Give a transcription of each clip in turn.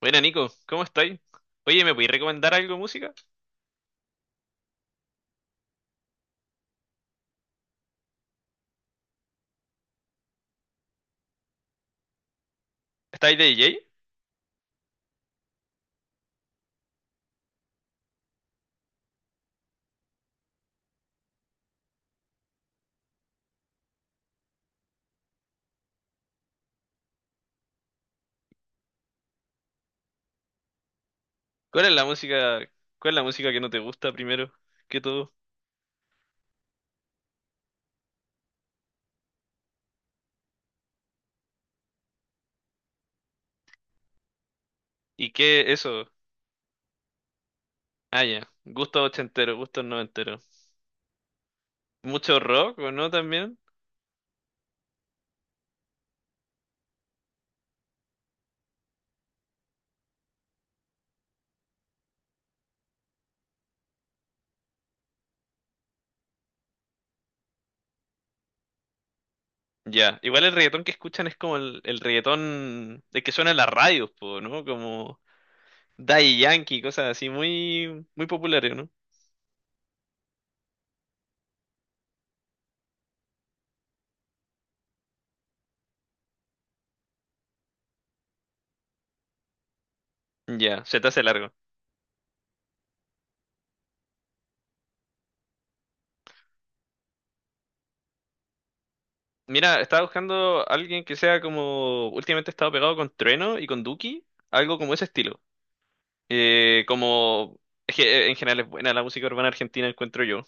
Buena Nico, ¿cómo estáis? Oye, ¿me podéis recomendar algo de música? ¿Estáis de DJ? ¿Cuál es la música, cuál es la música que no te gusta primero que todo? ¿Y qué eso? Ah, ya. Gusto ochentero, gusto noventero. ¿Mucho rock o no también? Ya. Igual el reggaetón que escuchan es como el reggaetón de que suena en las radios, po, ¿no? Como Daddy Yankee, cosas así muy, muy populares, ¿no? Ya, se te hace largo. Mira, estaba buscando alguien que sea como últimamente he estado pegado con Trueno y con Duki, algo como ese estilo. Como es que en general es buena la música urbana argentina, encuentro yo.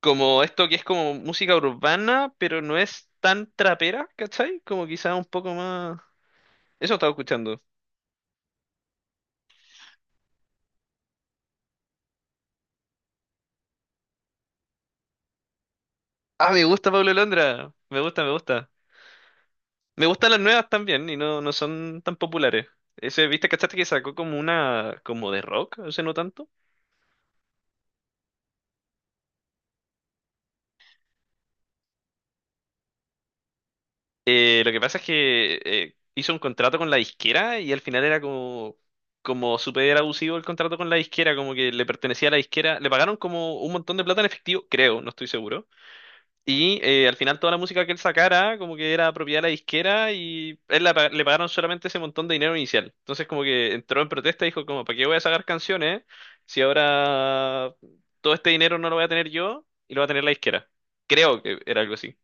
Como esto que es como música urbana, pero no es tan trapera, ¿cachai? Como quizá un poco más. Eso estaba escuchando. Ah, me gusta Pablo Londra. Me gusta, me gusta. Me gustan las nuevas también y no, no son tan populares. Ese, ¿viste? ¿Cachaste que sacó como una, como de rock? O sea, no tanto. Lo que pasa es que hizo un contrato con la disquera y al final era como, como súper abusivo el contrato con la disquera, como que le pertenecía a la disquera. Le pagaron como un montón de plata en efectivo, creo, no estoy seguro. Y al final toda la música que él sacara como que era propiedad de la disquera y él la pa- le pagaron solamente ese montón de dinero inicial. Entonces como que entró en protesta y dijo como, ¿para qué voy a sacar canciones si ahora todo este dinero no lo voy a tener yo y lo va a tener la disquera? Creo que era algo así.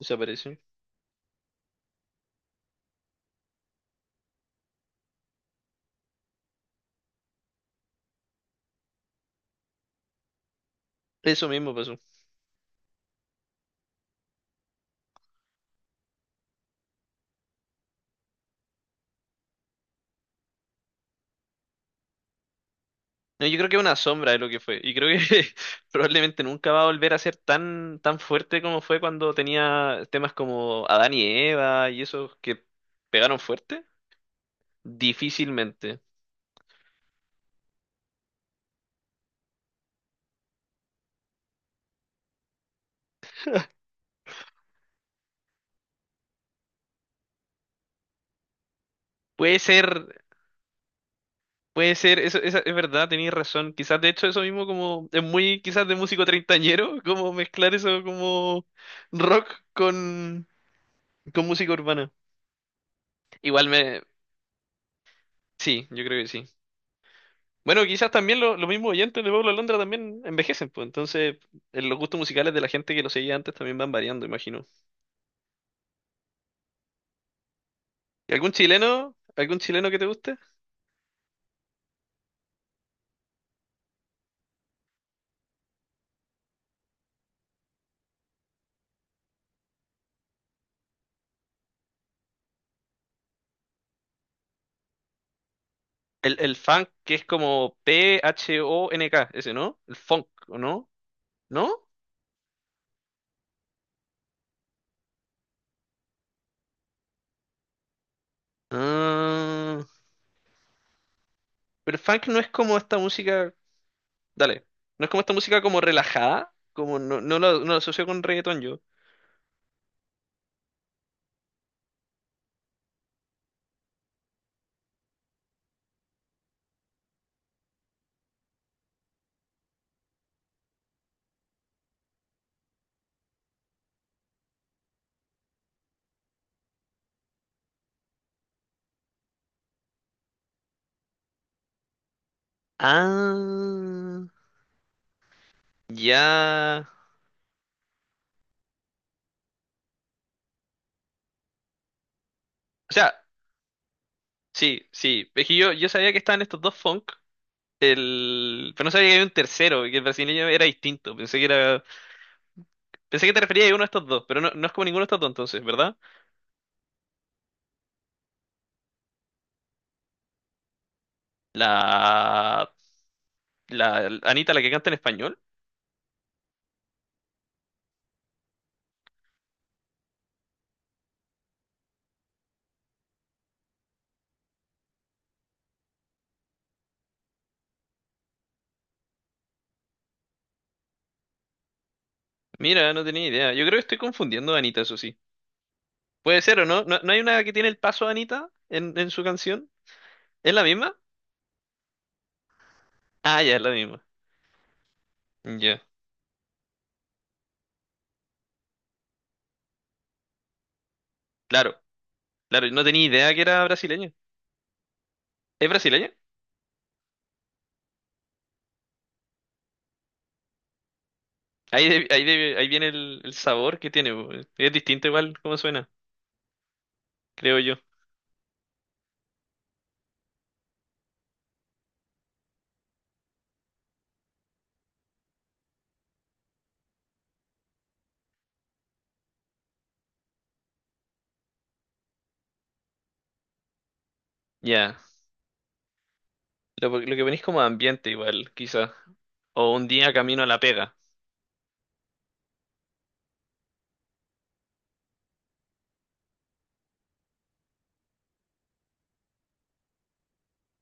Desapareció. Eso mismo pasó. No, yo creo que es una sombra de lo que fue. Y creo que probablemente nunca va a volver a ser tan, tan fuerte como fue cuando tenía temas como Adán y Eva y esos que pegaron fuerte. Difícilmente. Puede ser, puede ser, eso, esa- es verdad, tenías razón. Quizás de hecho eso mismo como es muy quizás de músico treintañero, como mezclar eso como rock con, con música urbana. Igual me, sí, yo creo que sí. Bueno, quizás también lo- los mismos oyentes de Pablo Alondra también envejecen, pues entonces los gustos musicales de la gente que lo seguía antes también van variando, imagino. ¿Y ¿Algún chileno? ¿Algún chileno que te guste? El funk que es como P-H-O-N-K, ese, ¿no? El funk, ¿o no? ¿No? Ah, pero el funk no es como esta música. Dale. No es como esta música como relajada. Como no, no lo, no lo asocio con reggaetón yo. Ah, ya. O sea, sí, sí. Es que yo sabía que estaban estos dos funk. El... Pero no sabía que había un tercero y que el brasileño era distinto. Pensé que era... Pensé que te referías a uno de estos dos, pero no, no es como ninguno de estos dos entonces, ¿verdad? La... La Anita, la que canta en español. Mira, no tenía idea. Yo creo que estoy confundiendo a Anita, eso sí. Puede ser o no. ¿No, no hay una que tiene el paso de Anita en su canción? ¿Es la misma? Ah, ya, es la misma. Ya. Claro, claro. No tenía idea que era brasileña. ¿Es brasileña? Ahí, de- ahí, de- ahí viene el sabor que tiene. Es distinto igual como suena, creo yo. Ya. Lo que venís como ambiente igual, quizá. O un día camino a la pega.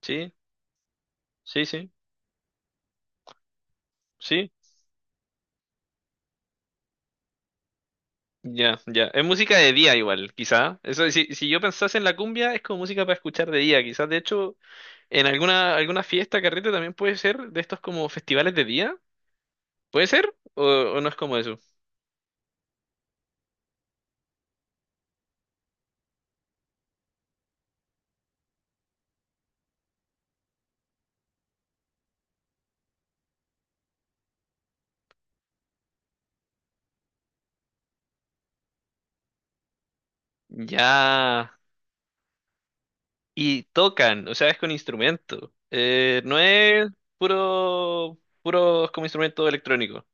¿Sí? Sí, sí. Sí. Ya, ya. Es música de día igual, quizá. Eso, si, si yo pensase en la cumbia, es como música para escuchar de día, quizás. De hecho, en alguna, alguna fiesta, carrete también puede ser de estos como festivales de día. ¿Puede ser? O no es como eso? Ya. Y tocan, o sea, es con instrumento. No es puro, puro como instrumento electrónico.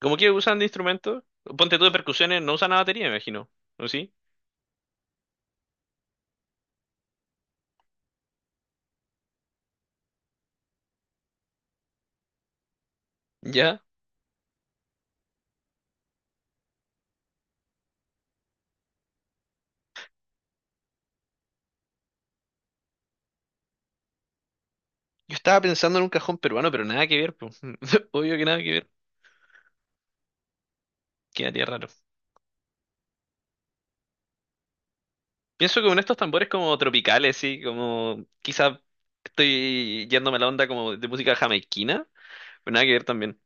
Como que usan de instrumentos, ponte tú de percusiones, no usan la batería, me imagino. ¿O sí? Ya. Yo estaba pensando en un cajón peruano, pero nada que ver, pues. Obvio que nada que ver. Quedaría raro. Pienso que con estos tambores como tropicales, sí, como quizá estoy yéndome a la onda como de música jamaiquina, pero nada que ver también.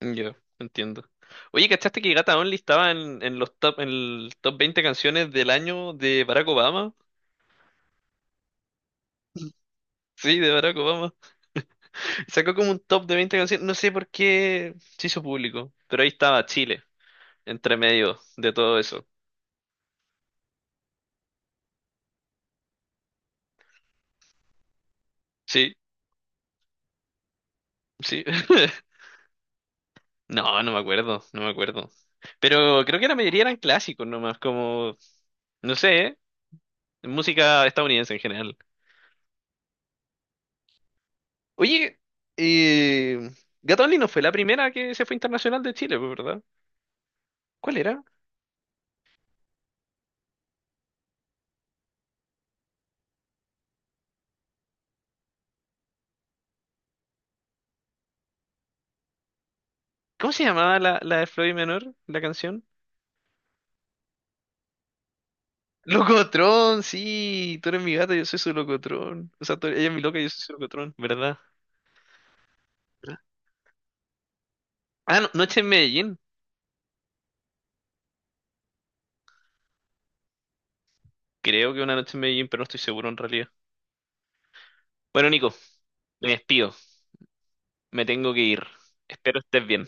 Yo, entiendo. Oye, ¿cachaste que Gata Only estaba en los top, en el top 20 canciones del año de Barack Obama? Sí, de Barack Obama. Sacó como un top de 20 canciones, no sé por qué se hizo público, pero ahí estaba Chile, entre medio de todo eso. Sí, sí. No, no me acuerdo, no me acuerdo. Pero creo que la mayoría eran clásicos nomás, como, no sé, ¿eh? Música estadounidense en general. Oye, eh, Gato Only no fue la primera que se fue internacional de Chile, pues, ¿verdad? ¿Cuál era? ¿Cómo se llamaba la, la de Floyd Menor, la canción? Locotrón, sí, tú eres mi gata, yo soy su locotrón. O sea, tú- ella es mi loca, yo soy su locotrón, ¿verdad? ¿Verdad? Ah, no, noche en Medellín. Creo que una noche en Medellín, pero no estoy seguro en realidad. Bueno, Nico, me despido, me tengo que ir. Espero estés bien.